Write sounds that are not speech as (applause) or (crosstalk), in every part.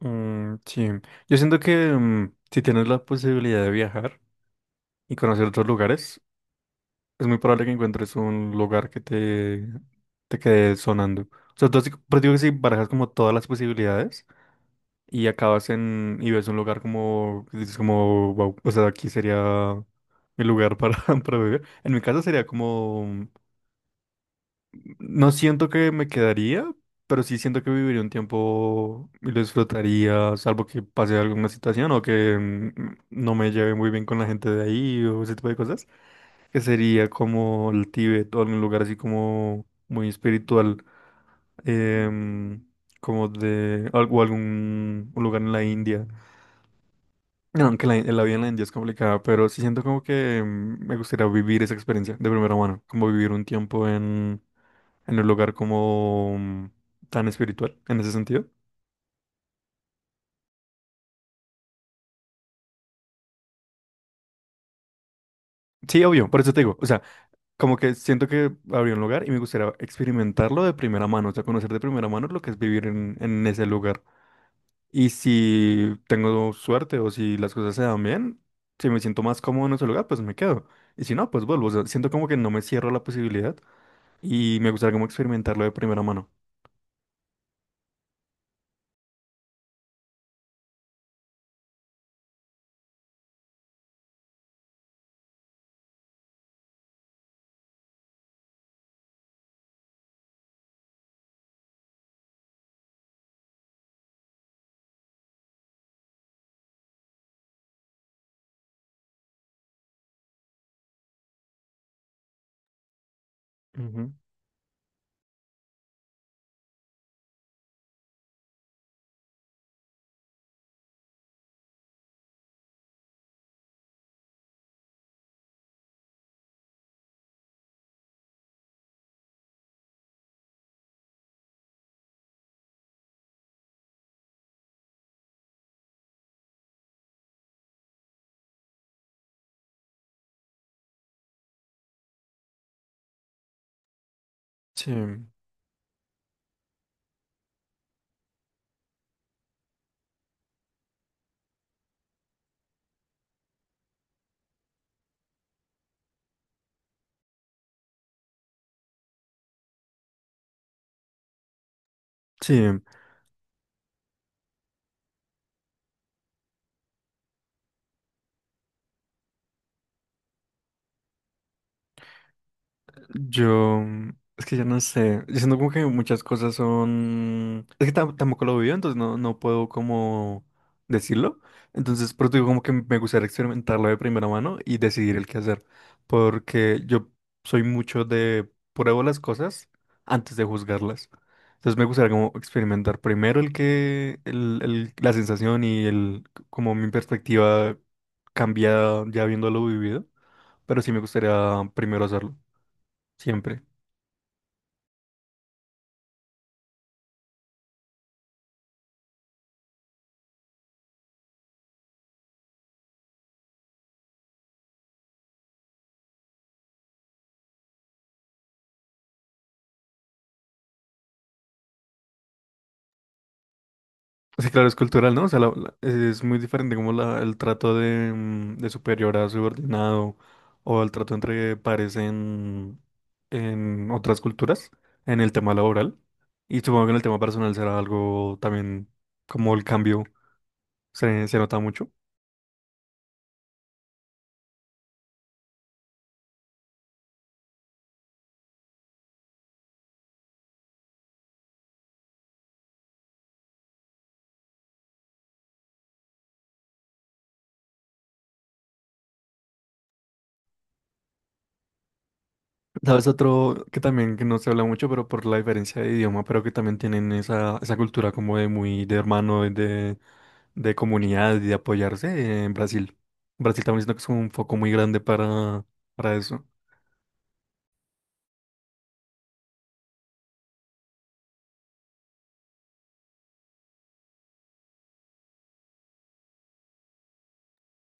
Mm, sí, yo siento que si tienes la posibilidad de viajar y conocer otros lugares, es muy probable que encuentres un lugar que te quede sonando. O sea, pero digo que si barajas como todas las posibilidades y acabas en y ves un lugar como, que dices como, wow, o sea, aquí sería mi lugar para, (laughs) para vivir. En mi caso sería como. No siento que me quedaría, pero sí siento que viviría un tiempo y lo disfrutaría, salvo que pase alguna situación o que no me lleve muy bien con la gente de ahí o ese tipo de cosas, que sería como el Tíbet o algún lugar así como muy espiritual, em, como de algún un lugar en la India. No, aunque la vida en la India es complicada, pero sí siento como que me gustaría vivir esa experiencia de primera mano, como vivir un tiempo en un lugar como tan espiritual en ese sentido. Sí, obvio, por eso te digo, o sea, como que siento que habría un lugar y me gustaría experimentarlo de primera mano, o sea, conocer de primera mano lo que es vivir en ese lugar. Y si tengo suerte o si las cosas se dan bien, si me siento más cómodo en ese lugar, pues me quedo. Y si no, pues vuelvo, o sea, siento como que no me cierro a la posibilidad y me gustaría como experimentarlo de primera mano. Ujú. Sí, sí. Yo, es que ya no sé, yo siento como que muchas cosas es que tampoco lo vivo, entonces no puedo como decirlo, entonces por eso digo como que me gustaría experimentarlo de primera mano y decidir el qué hacer, porque yo soy mucho de pruebo las cosas antes de juzgarlas, entonces me gustaría como experimentar primero el que, el- la sensación y como mi perspectiva cambia ya habiéndolo vivido, pero sí me gustaría primero hacerlo, siempre. Sí, claro, es cultural, ¿no? O sea, es muy diferente como el trato de, de superior a subordinado o el trato entre pares en otras culturas, en el tema laboral. Y supongo que en el tema personal será algo también como el cambio se nota mucho. ¿Sabes otro que también que no se habla mucho, pero por la diferencia de idioma, pero que también tienen esa cultura como de muy de hermano, de comunidad y de apoyarse en Brasil? Brasil también siento que es un foco muy grande para eso.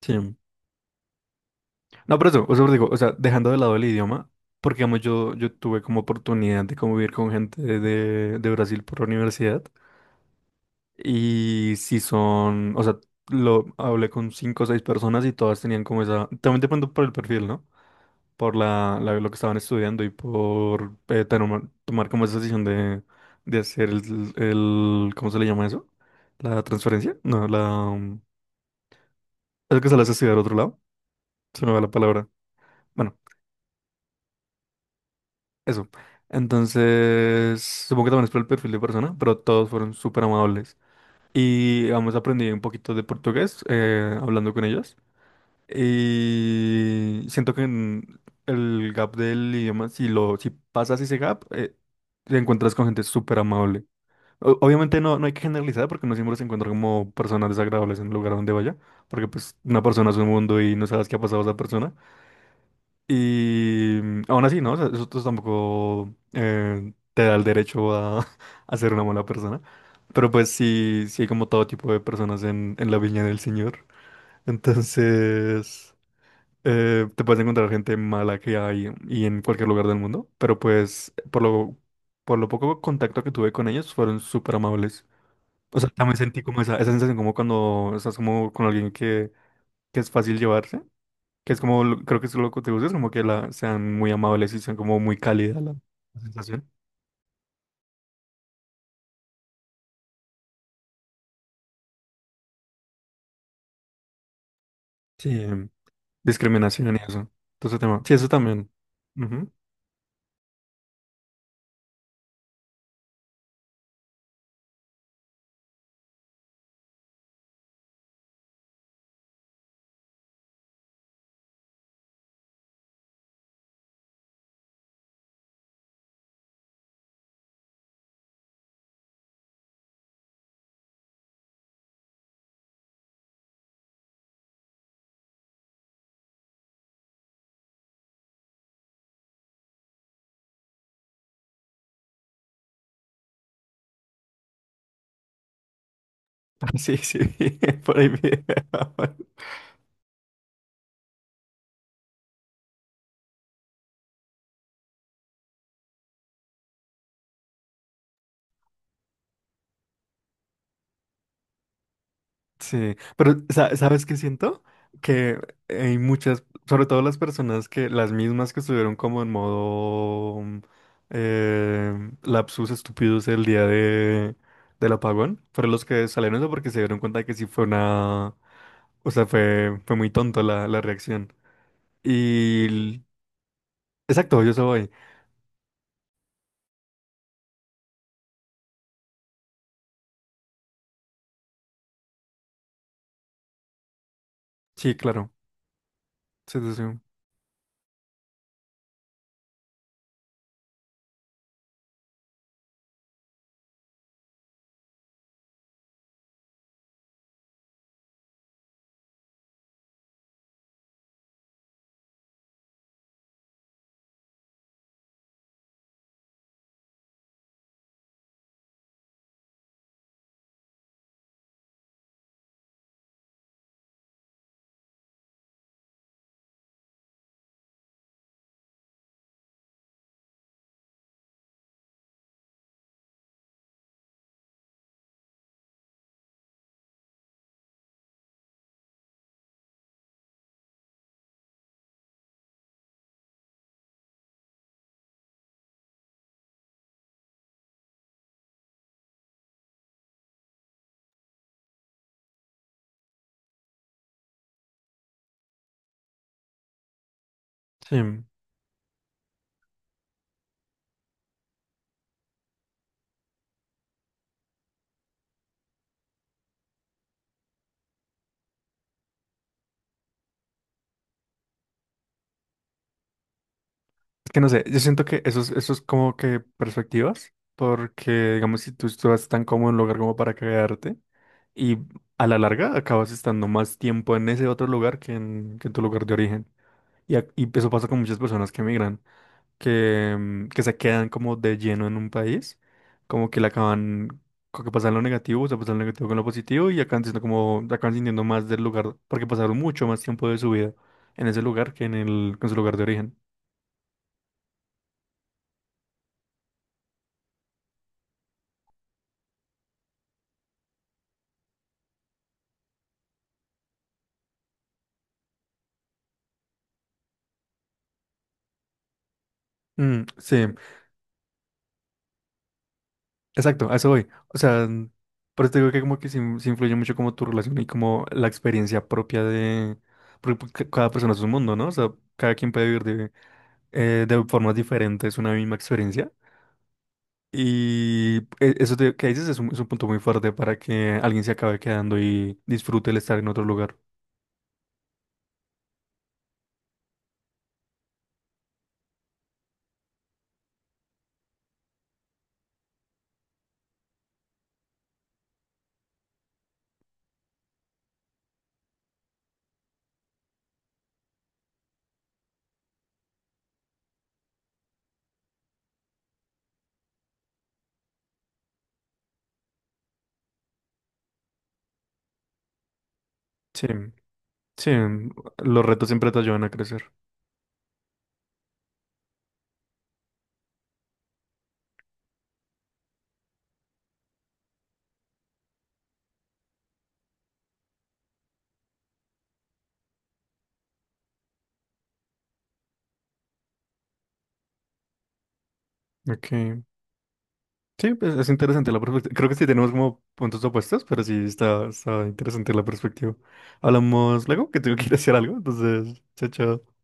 Sí. No, pero eso, o sea, os digo, o sea, dejando de lado el idioma, porque digamos, yo tuve como oportunidad de convivir con gente de Brasil por la universidad y si son, o sea, lo hablé con cinco o seis personas y todas tenían como esa, también depende por el perfil, ¿no? por lo que estaban estudiando y por tener tomar como esa decisión de hacer ¿cómo se le llama eso? La transferencia, no, la... Es que se las estudiar a otro lado, se me va la palabra. Bueno, eso. Entonces, supongo que también es por el perfil de persona, pero todos fueron súper amables. Y vamos aprendí un poquito de portugués hablando con ellos. Y siento que en el gap del idioma, si pasas ese gap, te encuentras con gente súper amable. Obviamente no hay que generalizar porque no siempre se encuentra como personas desagradables en el lugar donde vaya, porque pues una persona es un mundo y no sabes qué ha pasado a esa persona. Y aún así, ¿no? O sea, tampoco te da el derecho a, (laughs) a ser una mala persona. Pero pues sí, sí hay como todo tipo de personas en la viña del Señor. Entonces te puedes encontrar gente mala que hay y en cualquier lugar del mundo, pero por lo poco contacto que tuve con ellos fueron súper amables. O sea, también sentí como esa sensación como cuando estás como con alguien que es fácil llevarse, que es como, creo que es lo que te gusta, es como que sean muy amables y sean como muy cálida la sensación. Sí, discriminación y eso. Entonces, tema. Sí, eso también. Ujú. (laughs) Sí, sí, (laughs) por ahí vi. (laughs) Sí, pero ¿sabes qué siento? Que hay muchas, sobre todo las personas que, las mismas que estuvieron como en modo lapsus estúpidos el día de, del apagón, fueron los que salieron eso porque se dieron cuenta de que sí fue una, o sea, fue muy tonto la reacción. Y, l- exacto, yo soy. Sí, claro. Sí, sí, sí. Sí. Es que no sé, yo siento que eso es como que perspectivas, porque digamos, si tú estás tan cómodo en un lugar como para quedarte, y a la larga acabas estando más tiempo en ese otro lugar que en tu lugar de origen. Y eso pasa con muchas personas que emigran, que se quedan como de lleno en un país, como que le acaban, como que pasan lo negativo, o sea, pasan lo negativo con lo positivo, y acaban siendo como, acaban sintiendo más del lugar, porque pasaron mucho más tiempo de su vida en ese lugar que en que en su lugar de origen. Mm, sí. Exacto, a eso voy. O sea, por eso te digo que como que sí, sí influye mucho como tu relación y como la experiencia propia de... Porque pues, cada persona es un mundo, ¿no? O sea, cada quien puede vivir de formas diferentes una misma experiencia. Que dices es un punto muy fuerte para que alguien se acabe quedando y disfrute el estar en otro lugar. Sí, sí, los retos siempre te ayudan a crecer. Ok. Sí, pues, es interesante la perspectiva. Creo que sí tenemos como puntos opuestos, pero sí está, está interesante la perspectiva. Hablamos luego, que tengo que ir a hacer algo, entonces, chao, chao.